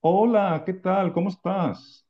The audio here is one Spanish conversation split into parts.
Hola, ¿qué tal? ¿Cómo estás?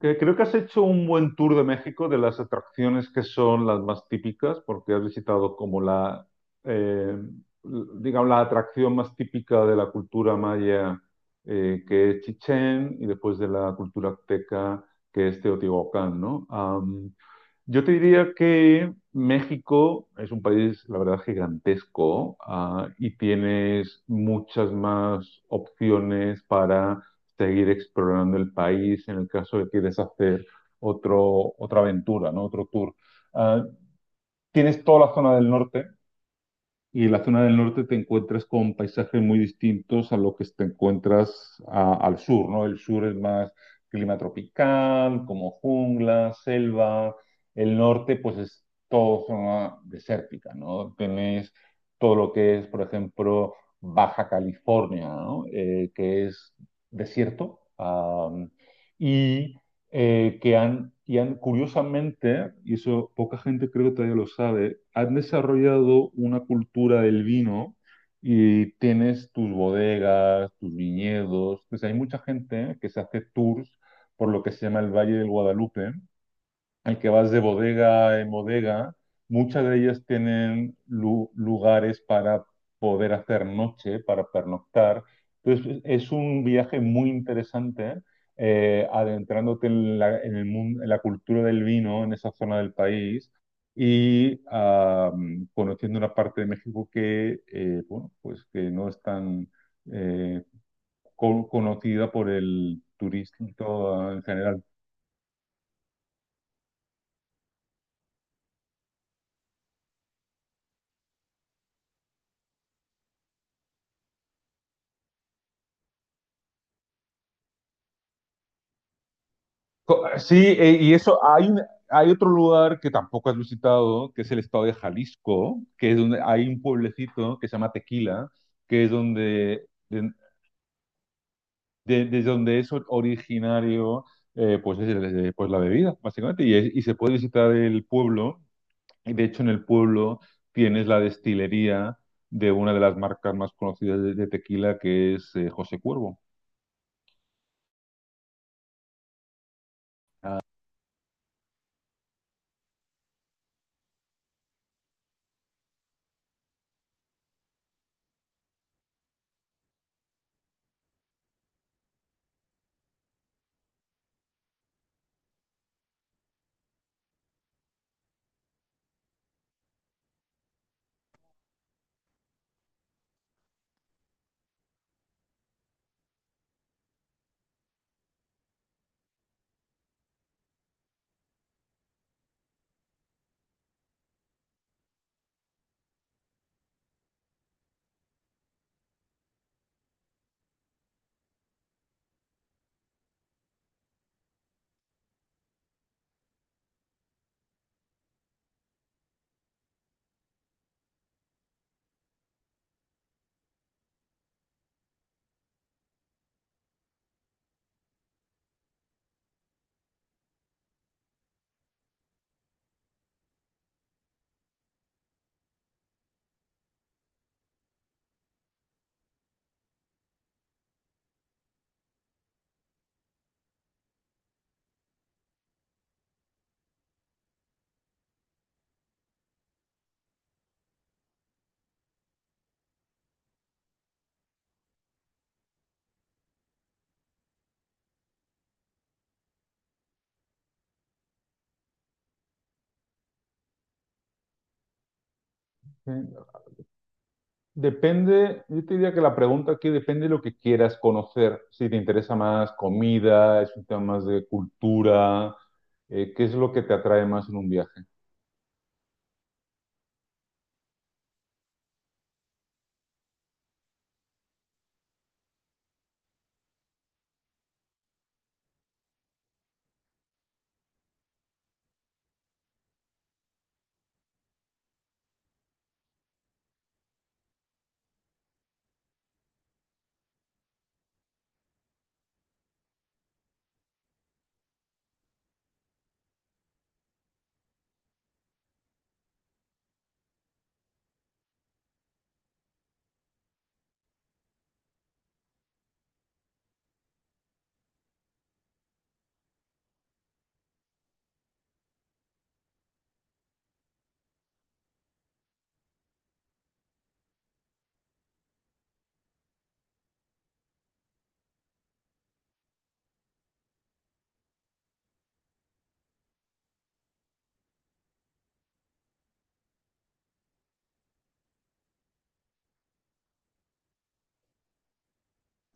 Que creo que has hecho un buen tour de México de las atracciones que son las más típicas, porque has visitado como eh, digamos, la atracción más típica de la cultura maya, que es Chichén, y después de la cultura azteca, que es Teotihuacán, ¿no? Yo te diría que México es un país, la verdad, gigantesco, y tienes muchas más opciones para seguir explorando el país en el caso de que quieres hacer otra aventura, ¿no? Otro tour. Ah, Tienes toda la zona del norte, y en la zona del norte te encuentras con paisajes muy distintos a lo que te encuentras al sur, ¿no? El sur es más clima tropical, como jungla, selva. El norte, pues es todo zona desértica, ¿no? Tenés todo lo que es, por ejemplo, Baja California, ¿no? Que es desierto. Am, y que han, y han, curiosamente, y eso poca gente creo que todavía lo sabe, han desarrollado una cultura del vino y tienes tus bodegas, tus viñedos, pues hay mucha gente que se hace tours por lo que se llama el Valle del Guadalupe, al que vas de bodega en bodega, muchas de ellas tienen lugares para poder hacer noche, para pernoctar. Entonces, es un viaje muy interesante, adentrándote en la cultura del vino en esa zona del país y conociendo una parte de México que, bueno, pues que no es tan eh, conocida por el turista en general. Sí, y eso, hay otro lugar que tampoco has visitado, que es el estado de Jalisco, que es donde hay un pueblecito que se llama Tequila, que es donde, desde donde es originario, pues, pues la bebida, básicamente, y, y se puede visitar el pueblo, y de hecho en el pueblo tienes la destilería de una de las marcas más conocidas de tequila, que es José Cuervo. Depende, yo te diría que la pregunta aquí depende de lo que quieras conocer. Si te interesa más comida, es un tema más de cultura, ¿qué es lo que te atrae más en un viaje?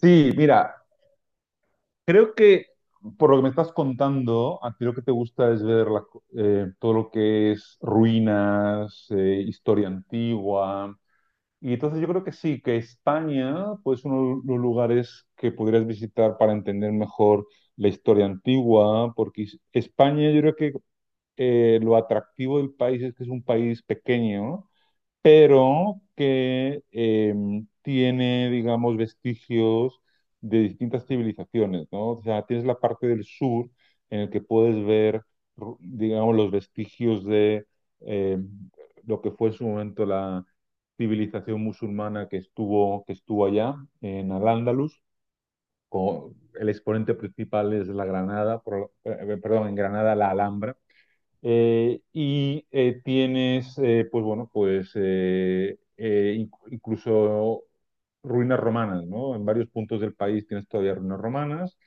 Sí, mira, creo que por lo que me estás contando, a ti lo que te gusta es ver todo lo que es ruinas, historia antigua. Y entonces yo creo que sí, que España, pues uno de los lugares que podrías visitar para entender mejor la historia antigua, porque España yo creo que lo atractivo del país es que es un país pequeño, pero que tiene, digamos, vestigios de distintas civilizaciones, ¿no? O sea, tienes la parte del sur en el que puedes ver, digamos, los vestigios de eh, lo que fue en su momento la civilización musulmana que estuvo allá, en Al-Ándalus. co- El exponente principal es la Granada, perdón, en Granada la Alhambra, y tienes, pues bueno, pues incluso ruinas romanas, ¿no? En varios puntos del país tienes todavía ruinas romanas.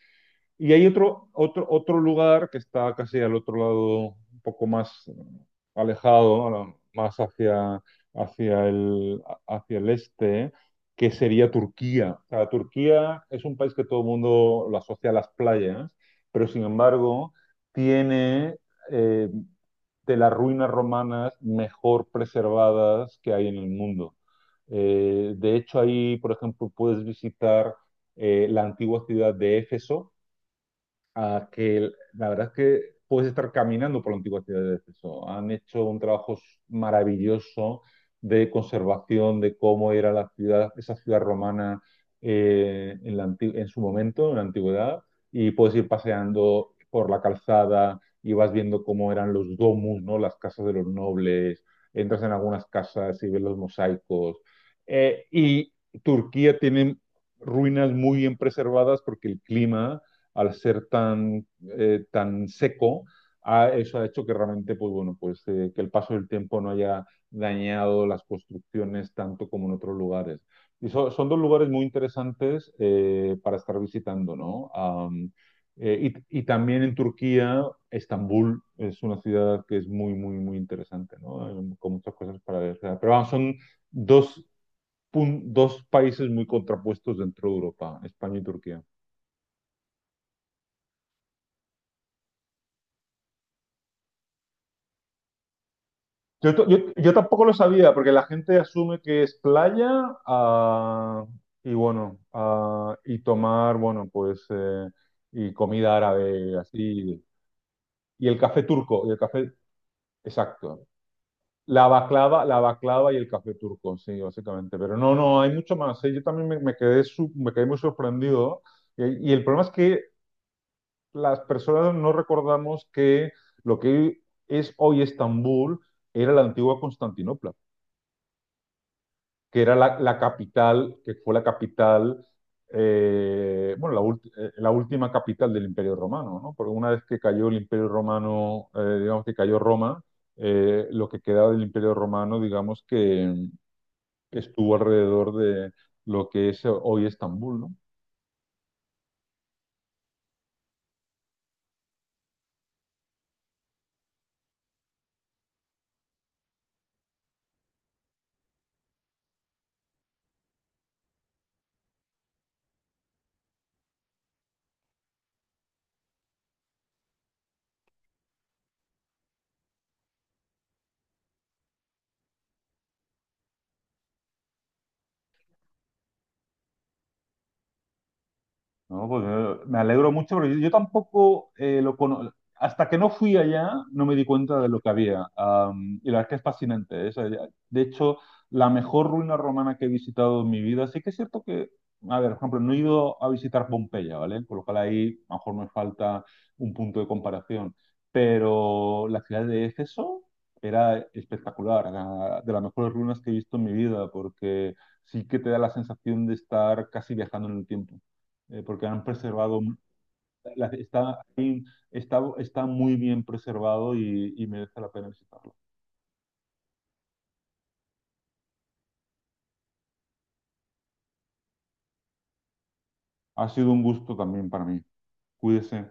Y hay otro lugar que está casi al otro lado, un poco más alejado, ¿no? Más hacia el, hacia el este, que sería Turquía. O sea, Turquía es un país que todo el mundo lo asocia a las playas, pero sin embargo tiene eh, de las ruinas romanas mejor preservadas que hay en el mundo. De hecho, ahí, por ejemplo, puedes visitar la antigua ciudad de Éfeso, a que la verdad es que puedes estar caminando por la antigua ciudad de Éfeso. Han hecho un trabajo maravilloso de conservación de cómo era la ciudad, esa ciudad romana en la en su momento, en la antigüedad, y puedes ir paseando por la calzada y vas viendo cómo eran los domus, ¿no? Las casas de los nobles, entras en algunas casas y ves los mosaicos. Y Turquía tiene ruinas muy bien preservadas porque el clima al ser tan seco, eso ha hecho que realmente, pues bueno, pues que el paso del tiempo no haya dañado las construcciones tanto como en otros lugares. Y son dos lugares muy interesantes para estar visitando, ¿no? Y también en Turquía, Estambul es una ciudad que es muy, muy, muy interesante, ¿no? Con muchas cosas para ver. O sea, pero vamos, son dos, dos países muy contrapuestos dentro de Europa, España y Turquía. Yo tampoco lo sabía, porque la gente asume que es playa ah, y bueno, y tomar, bueno, pues, y comida árabe, así, y el café turco, exacto. La baklava y el café turco, sí, básicamente. Pero no, no, hay mucho más, ¿eh? Yo también me quedé muy sorprendido. Y el problema es que las personas no recordamos que lo que es hoy Estambul era la antigua Constantinopla, que era la capital, que fue la capital, bueno, la última capital del Imperio Romano, ¿no? Porque una vez que cayó el Imperio Romano, digamos que cayó Roma, lo que quedaba del Imperio Romano, digamos que estuvo alrededor de lo que es hoy Estambul, ¿no? No, pues me alegro mucho, pero yo tampoco hasta que no fui allá, no me di cuenta de lo que había. Y la verdad que es fascinante, ¿eh? O sea, de hecho, la mejor ruina romana que he visitado en mi vida. Sí que es cierto que, a ver, por ejemplo, no he ido a visitar Pompeya, ¿vale? Por lo cual ahí a lo mejor me falta un punto de comparación. Pero la ciudad de Éfeso era espectacular, era de las mejores ruinas que he visto en mi vida, porque sí que te da la sensación de estar casi viajando en el tiempo porque han preservado, la- está, está muy bien preservado y merece la pena visitarlo. Ha sido un gusto también para mí. Cuídese.